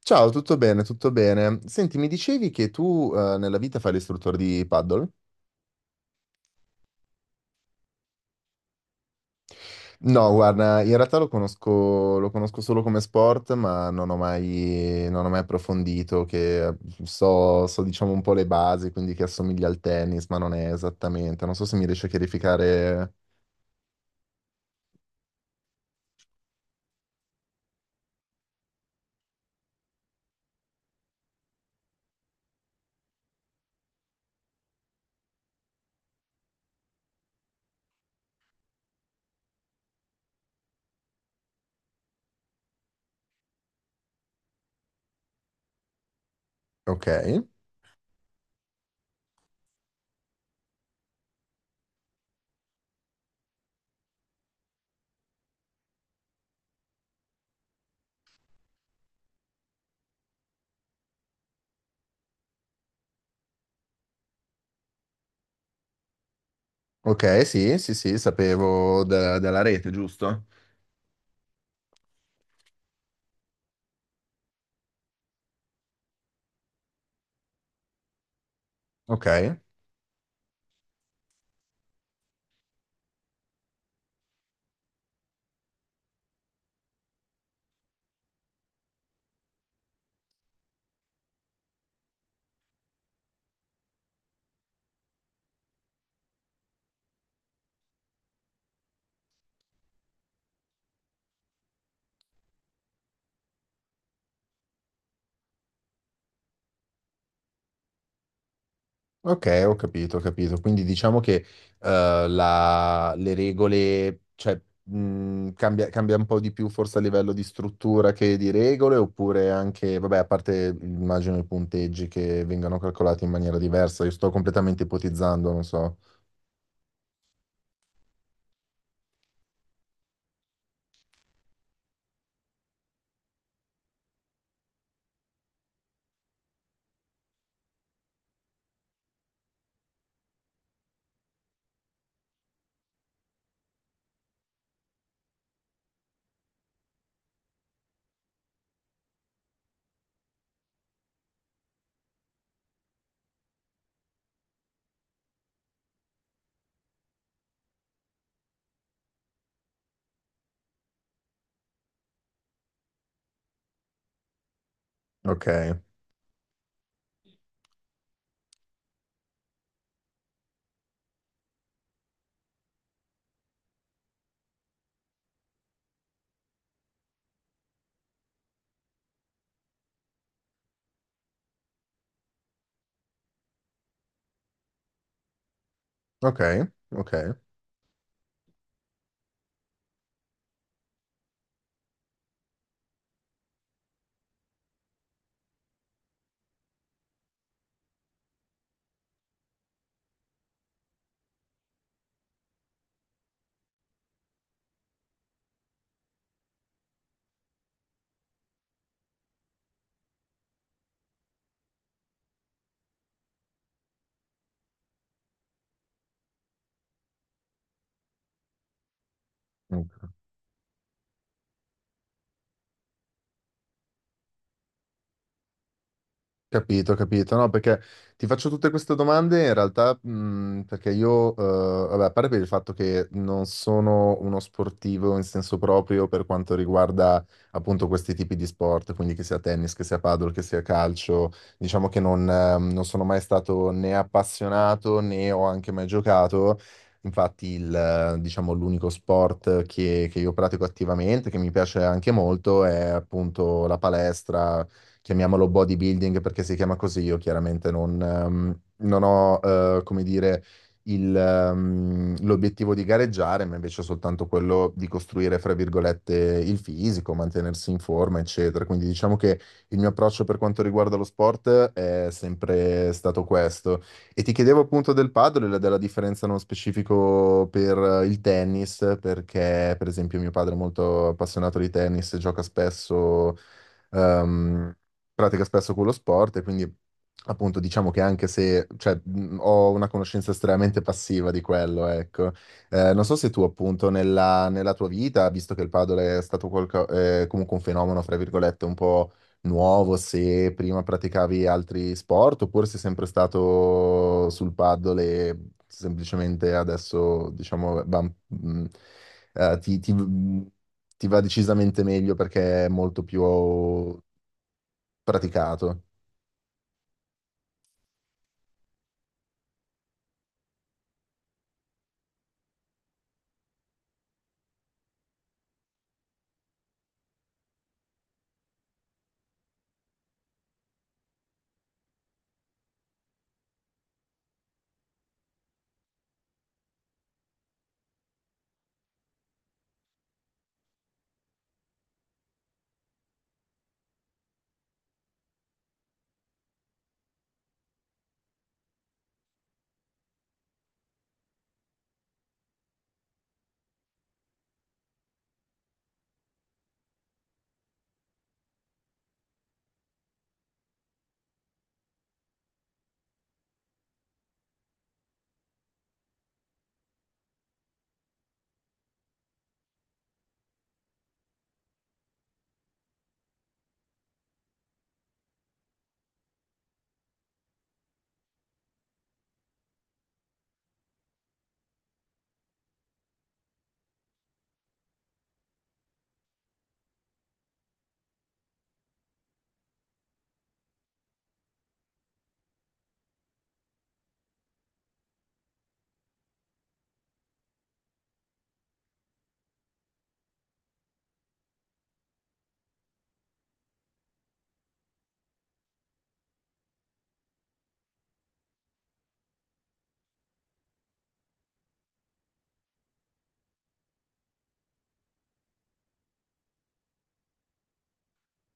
Ciao, tutto bene, tutto bene. Senti, mi dicevi che tu nella vita fai l'istruttore di paddle? No, guarda, in realtà lo conosco solo come sport, ma non ho mai approfondito, che so diciamo un po' le basi, quindi che assomiglia al tennis, ma non è esattamente. Non so se mi riesci a chiarificare. Ok, ok, sì, sì, sì, sapevo della rete, giusto? Ok. Ok, ho capito, ho capito. Quindi diciamo che le regole, cioè, cambia un po' di più forse a livello di struttura che di regole, oppure anche, vabbè, a parte immagino i punteggi che vengano calcolati in maniera diversa, io sto completamente ipotizzando, non so. Ok, ok, ok. Capito, capito, no, perché ti faccio tutte queste domande in realtà perché io, vabbè, a parte per il fatto che non sono uno sportivo in senso proprio per quanto riguarda appunto questi tipi di sport, quindi che sia tennis, che sia paddle, che sia calcio, diciamo che non sono mai stato né appassionato né ho anche mai giocato. Infatti, diciamo, l'unico sport che io pratico attivamente, che mi piace anche molto, è appunto la palestra, chiamiamolo bodybuilding perché si chiama così. Io chiaramente non ho, come dire, l'obiettivo di gareggiare, ma invece soltanto quello di costruire, fra virgolette, il fisico, mantenersi in forma, eccetera. Quindi diciamo che il mio approccio per quanto riguarda lo sport è sempre stato questo. E ti chiedevo appunto del padel e della differenza nello specifico per il tennis, perché per esempio mio padre è molto appassionato di tennis, gioca spesso, ehm, pratica spesso quello sport e quindi appunto diciamo che, anche se cioè, ho una conoscenza estremamente passiva di quello, ecco. Non so se tu appunto nella, tua vita, visto che il padel è stato comunque un fenomeno, fra virgolette, un po' nuovo, se prima praticavi altri sport oppure sei sempre stato sul padel e semplicemente adesso diciamo eh, ti ti- mh, ti va decisamente meglio perché è molto più praticato.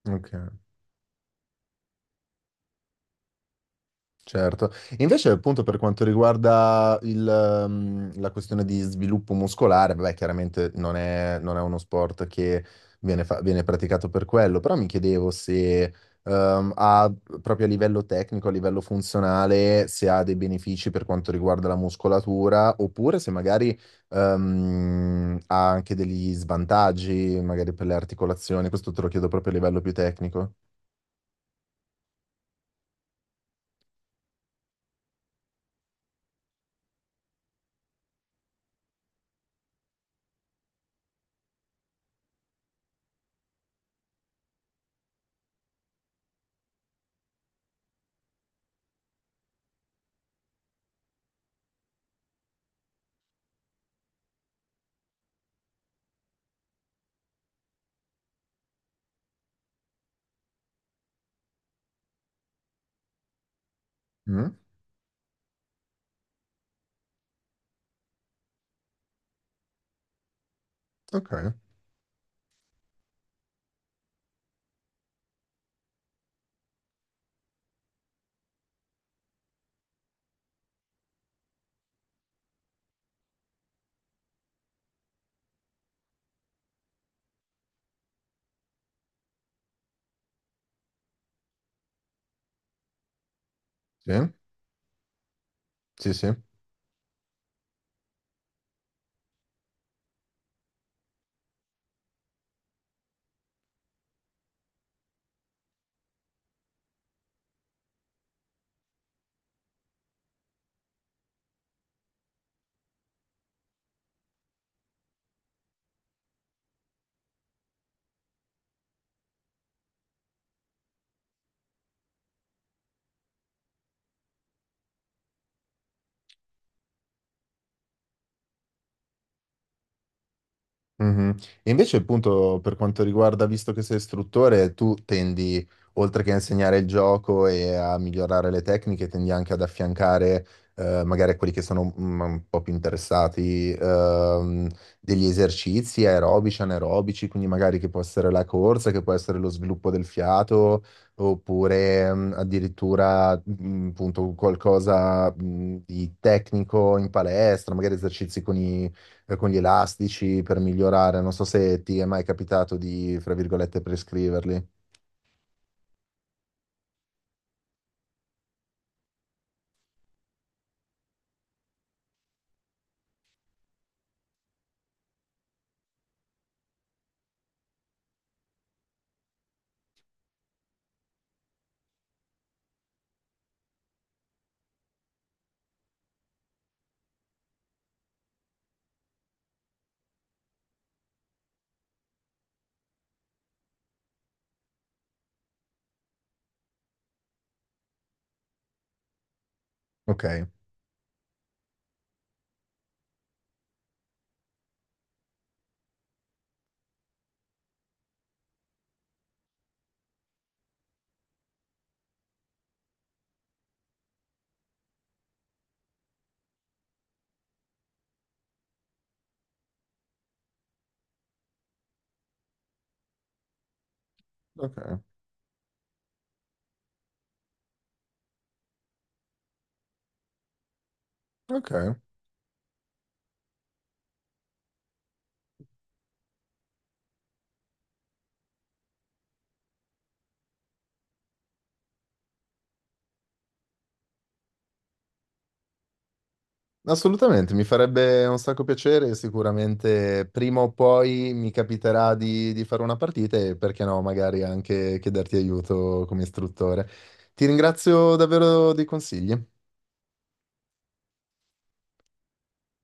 Ok, certo. Invece, appunto, per quanto riguarda la questione di sviluppo muscolare, beh, chiaramente non è uno sport che viene praticato per quello, però mi chiedevo se, ehm, ha, proprio a livello tecnico, a livello funzionale, se ha dei benefici per quanto riguarda la muscolatura, oppure se magari, ha anche degli svantaggi, magari per le articolazioni. Questo te lo chiedo proprio a livello più tecnico. Mm? Ok, sì, sì, sì. Mhm. E invece, appunto, per quanto riguarda, visto che sei istruttore, tu tendi, oltre che a insegnare il gioco e a migliorare le tecniche, tendi anche ad affiancare, magari a quelli che sono un po' più interessati, degli esercizi aerobici, anaerobici, quindi magari che può essere la corsa, che può essere lo sviluppo del fiato, oppure, addirittura, appunto, qualcosa, di tecnico in palestra, magari esercizi con gli elastici per migliorare. Non so se ti è mai capitato di, fra virgolette, prescriverli. Ok, ok, ok. Assolutamente, mi farebbe un sacco piacere, sicuramente prima o poi mi capiterà di fare una partita e perché no, magari anche chiederti aiuto come istruttore. Ti ringrazio davvero dei consigli.